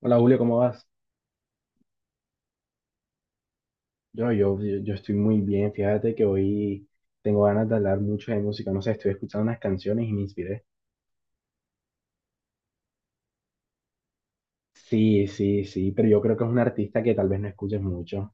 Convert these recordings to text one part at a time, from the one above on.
Hola Julio, ¿cómo vas? Yo estoy muy bien, fíjate que hoy tengo ganas de hablar mucho de música, no sé, estoy escuchando unas canciones y me inspiré. Sí, sí, sí, pero yo creo que es un artista que tal vez no escuches mucho.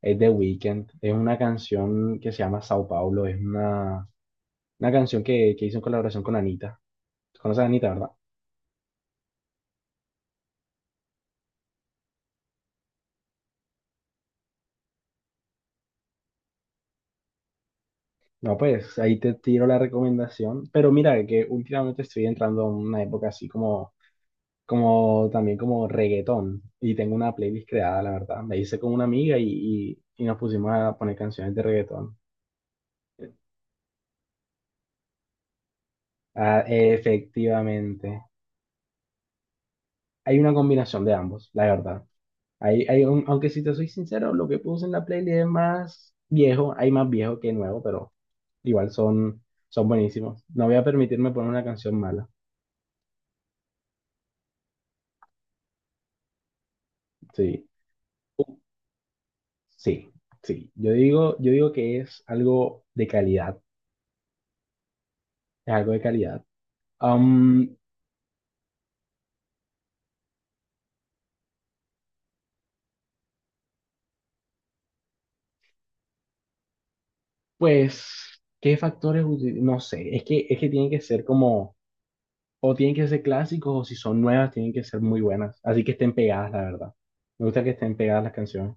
Es The Weeknd, es una canción que se llama Sao Paulo, es una canción que hizo en colaboración con Anita. ¿Conoces a Anita, verdad? No, pues ahí te tiro la recomendación, pero mira que últimamente estoy entrando en una época así como como también como reggaetón. Y tengo una playlist creada, la verdad. Me hice con una amiga y nos pusimos a poner canciones de reggaetón. Ah, efectivamente. Hay una combinación de ambos, la verdad. Aunque si te soy sincero, lo que puse en la playlist es más viejo. Hay más viejo que nuevo, pero igual son buenísimos. No voy a permitirme poner una canción mala. Sí, sí, sí. Yo digo que es algo de calidad. Es algo de calidad. Pues, no sé, es que tienen que ser como, o tienen que ser clásicos, o si son nuevas, tienen que ser muy buenas. Así que estén pegadas, la verdad. Me gusta que estén pegadas las canciones.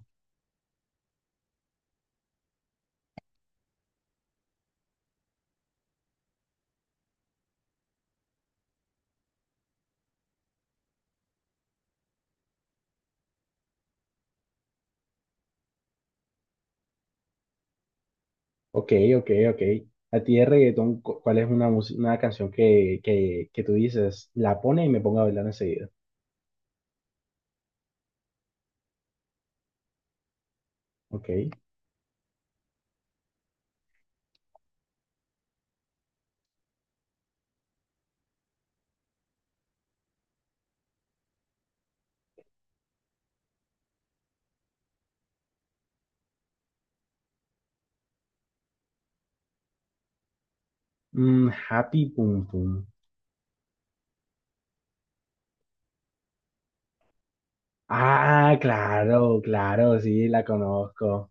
Ok, ok, ok. A ti de reggaetón, ¿cuál es una canción que tú dices, la pone y me pongo a bailar enseguida? Ok. Mm, Happy Pum Pum. Ah, claro, claro, sí, la conozco.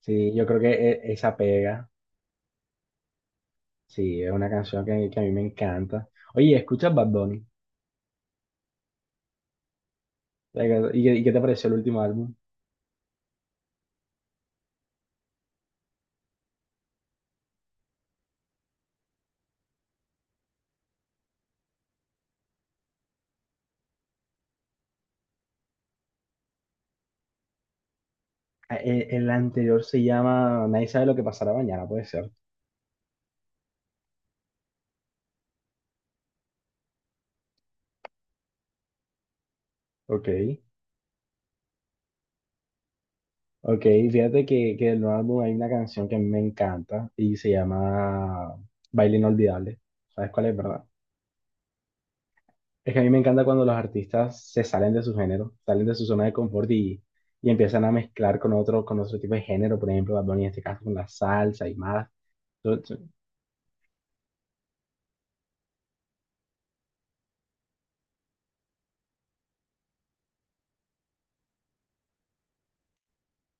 Sí, yo creo que esa pega. Sí, es una canción que a mí me encanta. Oye, ¿escuchas Bad Bunny? Like, ¿Y qué te pareció el último álbum? Ah, El anterior se llama Nadie sabe lo que pasará mañana, puede ser. Ok, ok. Fíjate que del nuevo álbum hay una canción que a mí me encanta y se llama Baile Inolvidable. ¿Sabes cuál es, verdad? Es que a mí me encanta cuando los artistas se salen de su género, salen de su zona de confort y empiezan a mezclar con otro tipo de género. Por ejemplo, Bad Bunny en este caso con la salsa y más. Entonces,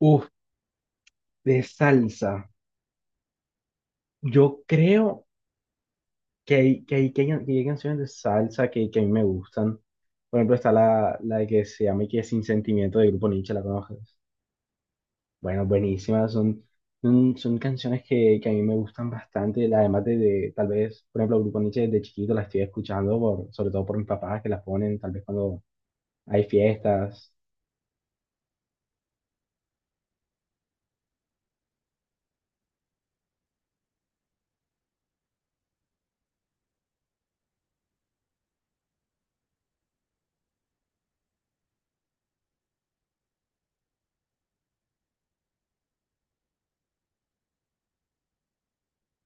uf, de salsa. Yo creo que hay canciones de salsa que a mí me gustan. Por ejemplo, está la de que se llama y que es Sin Sentimiento del grupo Nietzsche, ¿la conoces? Bueno, buenísima. Son canciones que a mí me gustan bastante. Además tal vez, por ejemplo, el grupo Nietzsche desde chiquito la estoy escuchando, por, sobre todo por mis papás que las ponen, tal vez cuando hay fiestas.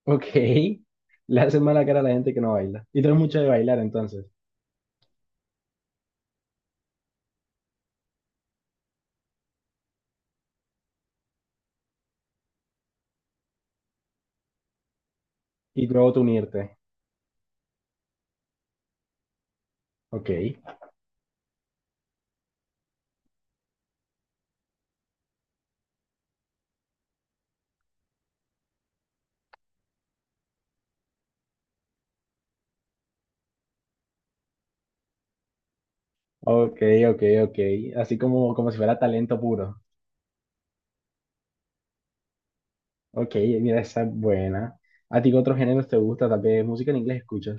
Ok, le hacen mala cara a la gente que no baila. Y tú eres mucho de bailar entonces. Y luego tú unirte. Ok. Ok, ok, ok. Así como, como si fuera talento puro. Ok, mira, esa es buena. ¿A ti qué otros géneros te gusta? Tal vez música en inglés escuchas.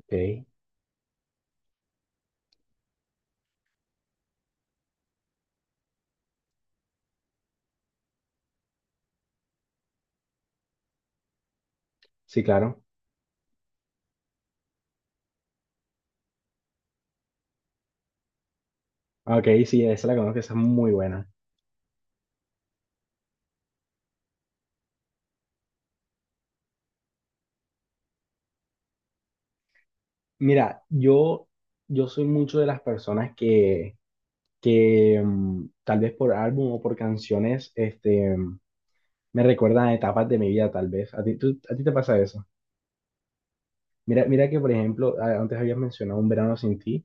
Ok, sí, claro. Ah, ok, sí, esa la conozco, esa es muy buena. Mira, yo soy mucho de las personas que tal vez por álbum o por canciones, me recuerdan a etapas de mi vida, tal vez. ¿A ti, a ti te pasa eso? Mira, mira que, por ejemplo, antes habías mencionado Un verano sin ti.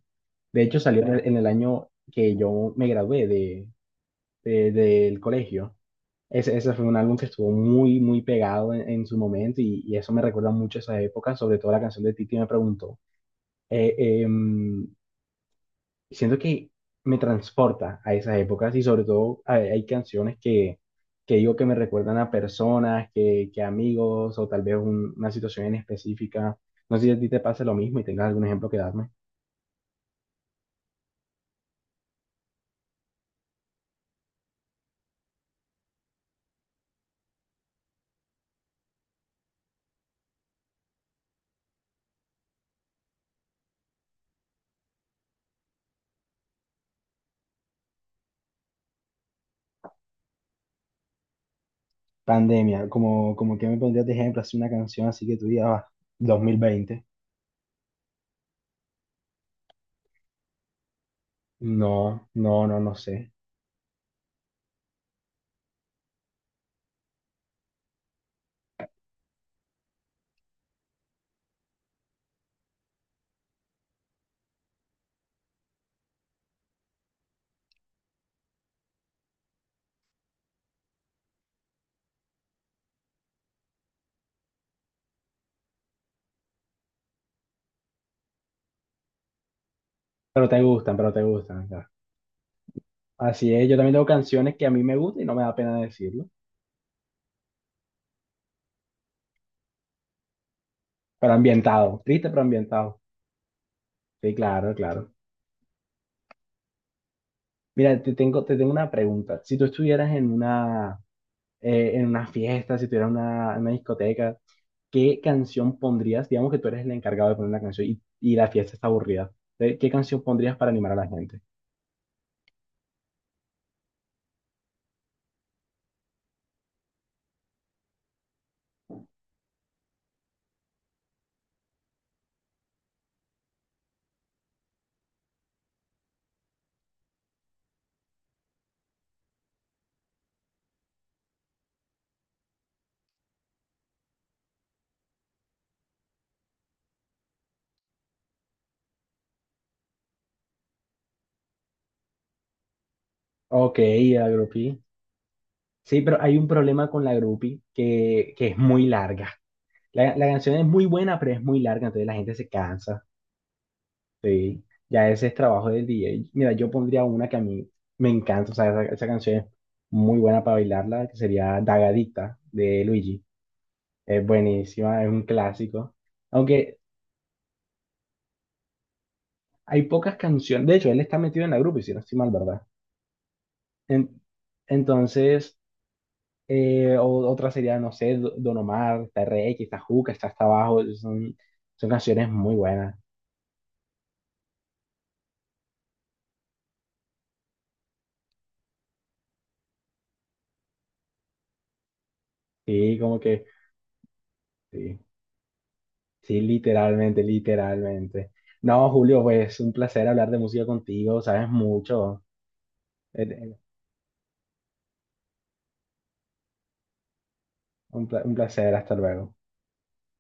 De hecho, salió en el año que yo me gradué del colegio. Ese fue un álbum que estuvo muy, muy pegado en su momento y eso me recuerda mucho a esa época, sobre todo la canción de Titi me preguntó. Eh, eh, Siento que me transporta a esas épocas y sobre todo hay canciones que digo que me recuerdan a personas, que amigos o tal vez una situación en específica. No sé si a ti te pasa lo mismo y tengas algún ejemplo que darme. Pandemia, como, como que me pondrías de ejemplo, así una canción así que tú digas, "Ah, 2020." No, no, no, no sé. Pero te gustan, pero te gustan. Ya. Así es, yo también tengo canciones que a mí me gustan y no me da pena decirlo. Pero ambientado, triste pero ambientado. Sí, claro, claro. Mira, te tengo una pregunta. Si tú estuvieras en una fiesta, si tuvieras una, en una discoteca, ¿qué canción pondrías? Digamos que tú eres el encargado de poner una canción y la fiesta está aburrida. ¿Qué qué canción pondrías para animar a la gente? Ok, la groupie. Sí, pero hay un problema con la groupie que es muy larga. La canción es muy buena, pero es muy larga, entonces la gente se cansa. Sí, ya ese es trabajo del DJ. Mira, yo pondría una que a mí me encanta, o sea, esa canción es muy buena para bailarla, que sería Dagadita de Luigi. Es buenísima, es un clásico. Aunque hay pocas canciones, de hecho, él está metido en la grupo, y si no estoy mal, ¿verdad? En- entonces, otra sería, no sé, Don Omar, está RX, está Juca, está hasta abajo, son canciones muy buenas. Sí, como que, sí. Sí, literalmente, literalmente. No, Julio, pues un placer hablar de música contigo, sabes mucho. Eh, eh, un placer, hasta luego.